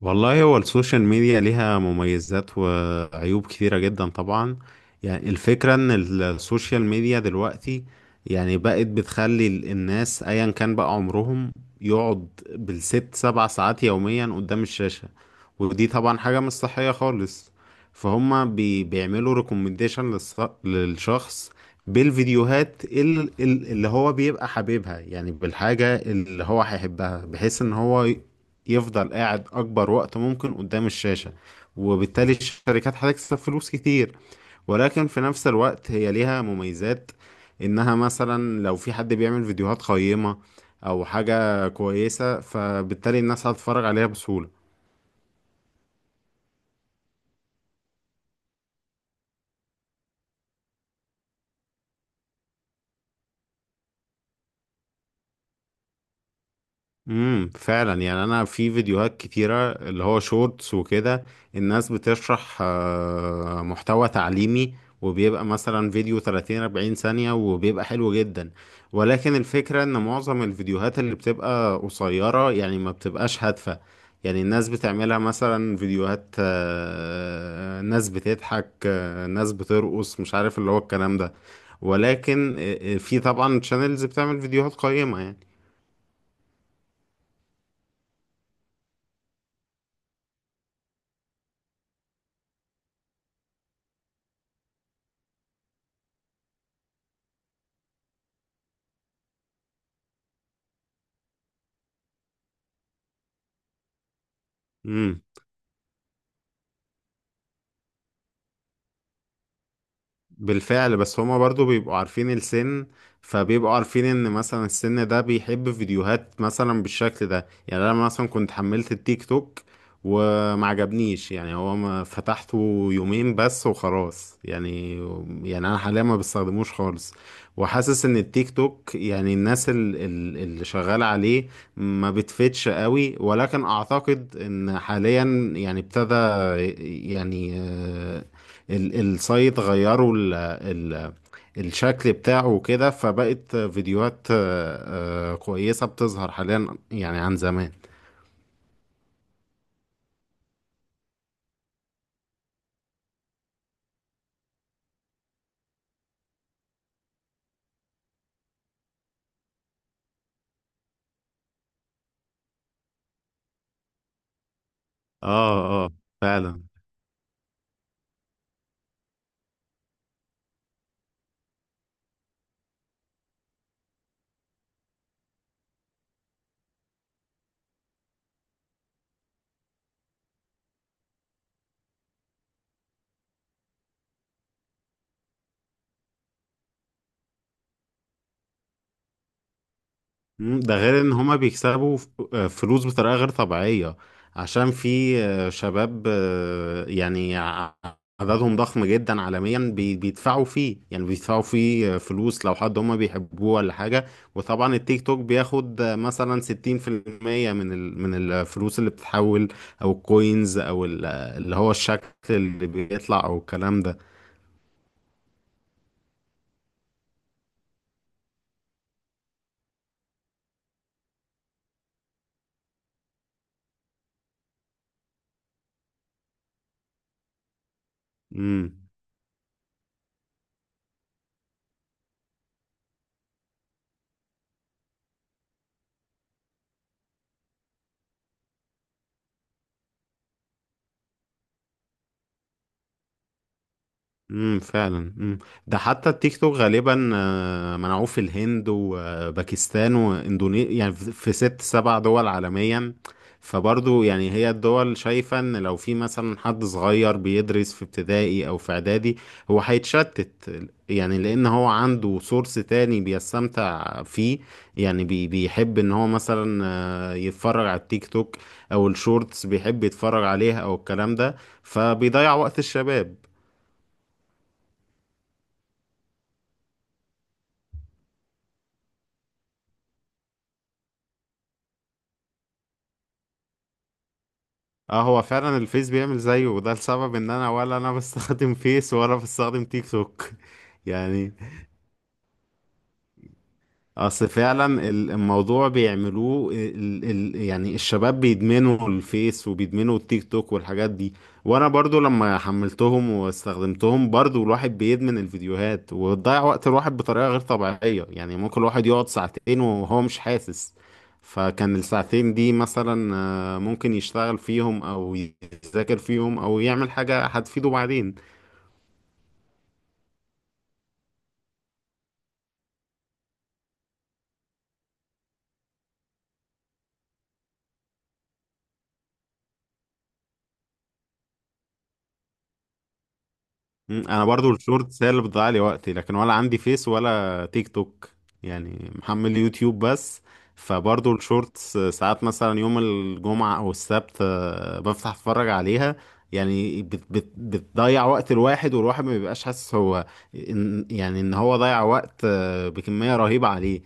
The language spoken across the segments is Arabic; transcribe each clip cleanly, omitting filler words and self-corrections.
والله هو السوشيال ميديا ليها مميزات وعيوب كثيرة جدا طبعا. يعني الفكرة ان السوشيال ميديا دلوقتي يعني بقت بتخلي الناس ايا كان بقى عمرهم، يقعد بالست سبع ساعات يوميا قدام الشاشة. ودي طبعا حاجة مش صحية خالص. فهما بيعملوا ريكومنديشن للشخص بالفيديوهات اللي هو بيبقى حاببها، يعني بالحاجة اللي هو هيحبها بحيث ان هو يفضل قاعد أكبر وقت ممكن قدام الشاشة. وبالتالي الشركات هتكسب فلوس كتير، ولكن في نفس الوقت هي ليها مميزات. إنها مثلا لو في حد بيعمل فيديوهات قيمة أو حاجة كويسة، فبالتالي الناس هتتفرج عليها بسهولة. امم، فعلا. يعني انا في فيديوهات كتيره اللي هو شورتس وكده، الناس بتشرح محتوى تعليمي، وبيبقى مثلا فيديو 30 40 ثانيه وبيبقى حلو جدا. ولكن الفكره ان معظم الفيديوهات اللي بتبقى قصيره، يعني ما بتبقاش هادفه. يعني الناس بتعملها مثلا فيديوهات، ناس بتضحك، ناس بترقص، مش عارف اللي هو الكلام ده. ولكن في طبعا شانلز بتعمل فيديوهات قيمه يعني. امم. بالفعل، بس هما برضو بيبقوا عارفين السن، فبيبقوا عارفين ان مثلا السن ده بيحب فيديوهات مثلا بالشكل ده. يعني انا مثلا كنت حملت التيك توك وما عجبنيش، يعني هو ما فتحته يومين بس وخلاص يعني. يعني انا حاليا ما بستخدموش خالص. وحاسس ان التيك توك، يعني الناس اللي شغالة عليه ما بتفتش قوي، ولكن اعتقد ان حاليا يعني ابتدى، يعني السايت غيروا ال الشكل بتاعه وكده، فبقت فيديوهات كويسة بتظهر حاليا يعني عن زمان. اه، اه، فعلا. ده غير ان هما بيكسبوا فلوس بطريقة غير طبيعية، عشان في شباب، يعني عددهم ضخم جدا عالميا بيدفعوا فيه، يعني بيدفعوا فيه فلوس لو حد هما بيحبوه ولا حاجة. وطبعا التيك توك بياخد مثلا 60% من من الفلوس اللي بتتحول، او الكوينز، او اللي هو الشكل اللي بيطلع او الكلام ده. مم. امم، فعلا، امم. ده حتى التيك توك غالبا منعوه في الهند وباكستان واندونيسيا، يعني في ست سبع دول عالميا. فبرضو يعني هي الدول شايفة ان لو في مثلا حد صغير بيدرس في ابتدائي او في اعدادي، هو هيتشتت. يعني لان هو عنده سورس تاني بيستمتع فيه. يعني بيحب ان هو مثلا يتفرج على التيك توك او الشورتس، بيحب يتفرج عليها او الكلام ده، فبيضيع وقت الشباب. اه، هو فعلا الفيس بيعمل زيه، وده السبب ان انا ولا بستخدم فيس ولا بستخدم تيك توك. يعني اصل فعلا الموضوع بيعملوه ال ال يعني الشباب بيدمنوا الفيس وبيدمنوا التيك توك والحاجات دي. وانا برضو لما حملتهم واستخدمتهم، برضو الواحد بيدمن الفيديوهات وتضيع وقت الواحد بطريقة غير طبيعية، يعني ممكن الواحد يقعد ساعتين وهو مش حاسس. فكان الساعتين دي مثلا ممكن يشتغل فيهم، او يذاكر فيهم، او يعمل حاجة هتفيده بعدين. انا برضو الشورتس هي اللي بتضيع لي وقتي، لكن ولا عندي فيس ولا تيك توك. يعني محمل يوتيوب بس، فبرضو الشورتس ساعات مثلا يوم الجمعة او السبت بفتح اتفرج عليها. يعني بت بت بتضيع وقت الواحد، والواحد ما بيبقاش حاسس هو، إن يعني ان هو ضيع وقت بكمية رهيبة عليه.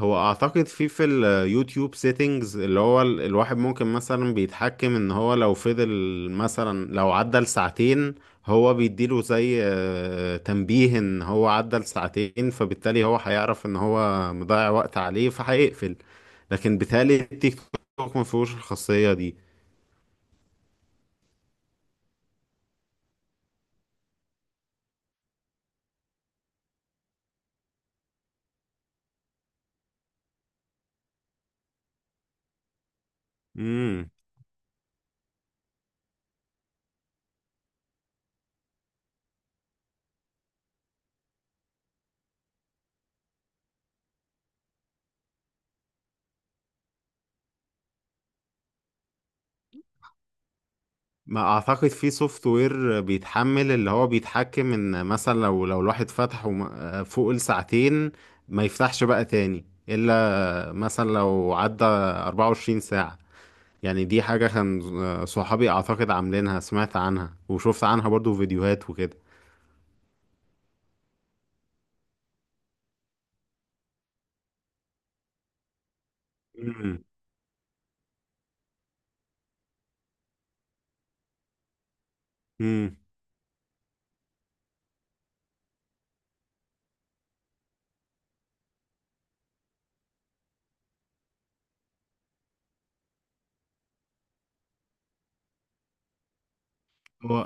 هو اعتقد في اليوتيوب سيتنجز، اللي هو الواحد ممكن مثلا بيتحكم ان هو لو فضل مثلا، لو عدى لساعتين، هو بيديله زي تنبيه ان هو عدى لساعتين، فبالتالي هو هيعرف ان هو مضيع وقت عليه فهيقفل. لكن بالتالي التيك توك ما فيهوش الخاصية دي. امم. ما اعتقد في سوفت وير بيتحمل، اللي هو بيتحكم ان مثلا لو الواحد فتحه فوق الساعتين، ما يفتحش بقى تاني الا مثلا لو عدى 24 ساعة. يعني دي حاجة كان صحابي أعتقد عاملينها، سمعت عنها وشفت عنها برضو فيديوهات وكده. امم، امم. هو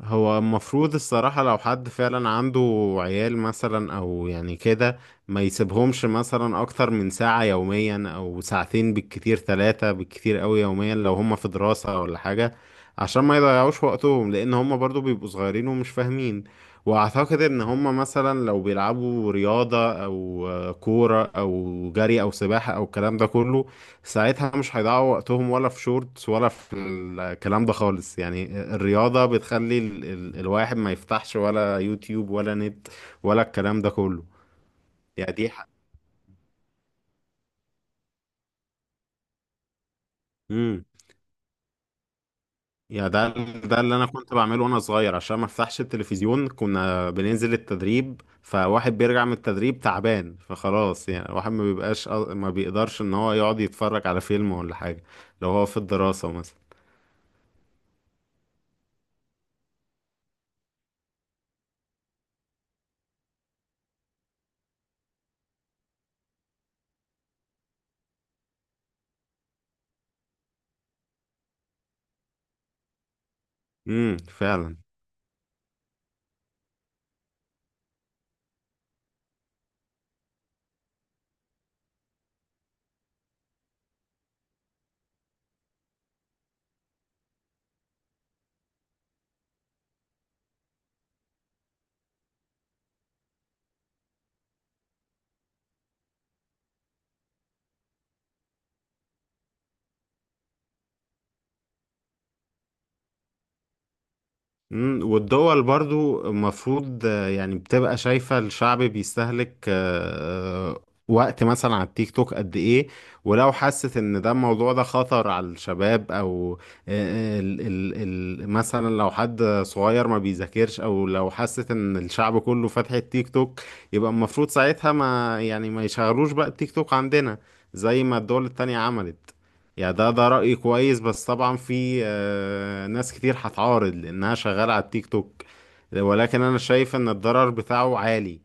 هو المفروض الصراحة لو حد فعلا عنده عيال مثلا، أو يعني كده، ما يسيبهمش مثلا أكتر من ساعة يوميا، أو ساعتين بالكتير، ثلاثة بالكتير أوي يوميا، لو هما في دراسة ولا حاجة، عشان ما يضيعوش وقتهم، لأن هما برضو بيبقوا صغيرين ومش فاهمين. وأعتقد إن هما مثلا لو بيلعبوا رياضة أو كورة، أو جري، أو سباحة، أو الكلام ده كله، ساعتها مش هيضيعوا وقتهم ولا في شورتس ولا في الكلام ده خالص. يعني الرياضة بتخلي ال ال الواحد ما يفتحش ولا يوتيوب، ولا نت، ولا الكلام ده كله. يعني دي مم. يا ده ده اللي انا كنت بعمله وانا صغير، عشان ما افتحش التلفزيون كنا بننزل التدريب، فواحد بيرجع من التدريب تعبان، فخلاص يعني الواحد ما بيقدرش ان هو يقعد يتفرج على فيلم ولا حاجة، لو هو في الدراسة مثلا. امم، فعلا. والدول برضو المفروض، يعني بتبقى شايفة الشعب بيستهلك وقت مثلا على التيك توك قد ايه. ولو حست ان ده الموضوع ده خطر على الشباب، او ال ال ال مثلا لو حد صغير ما بيذاكرش، او لو حست ان الشعب كله فاتح التيك توك، يبقى المفروض ساعتها ما يشغلوش بقى التيك توك عندنا، زي ما الدول التانية عملت. يعني ده رأيي كويس، بس طبعا في ناس كتير هتعارض لأنها شغالة على التيك توك، ولكن أنا شايف إن الضرر بتاعه عالي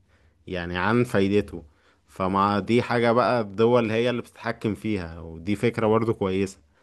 يعني عن فايدته. فمع دي حاجة بقى، الدول هي اللي بتتحكم فيها، ودي فكرة برضو كويسة.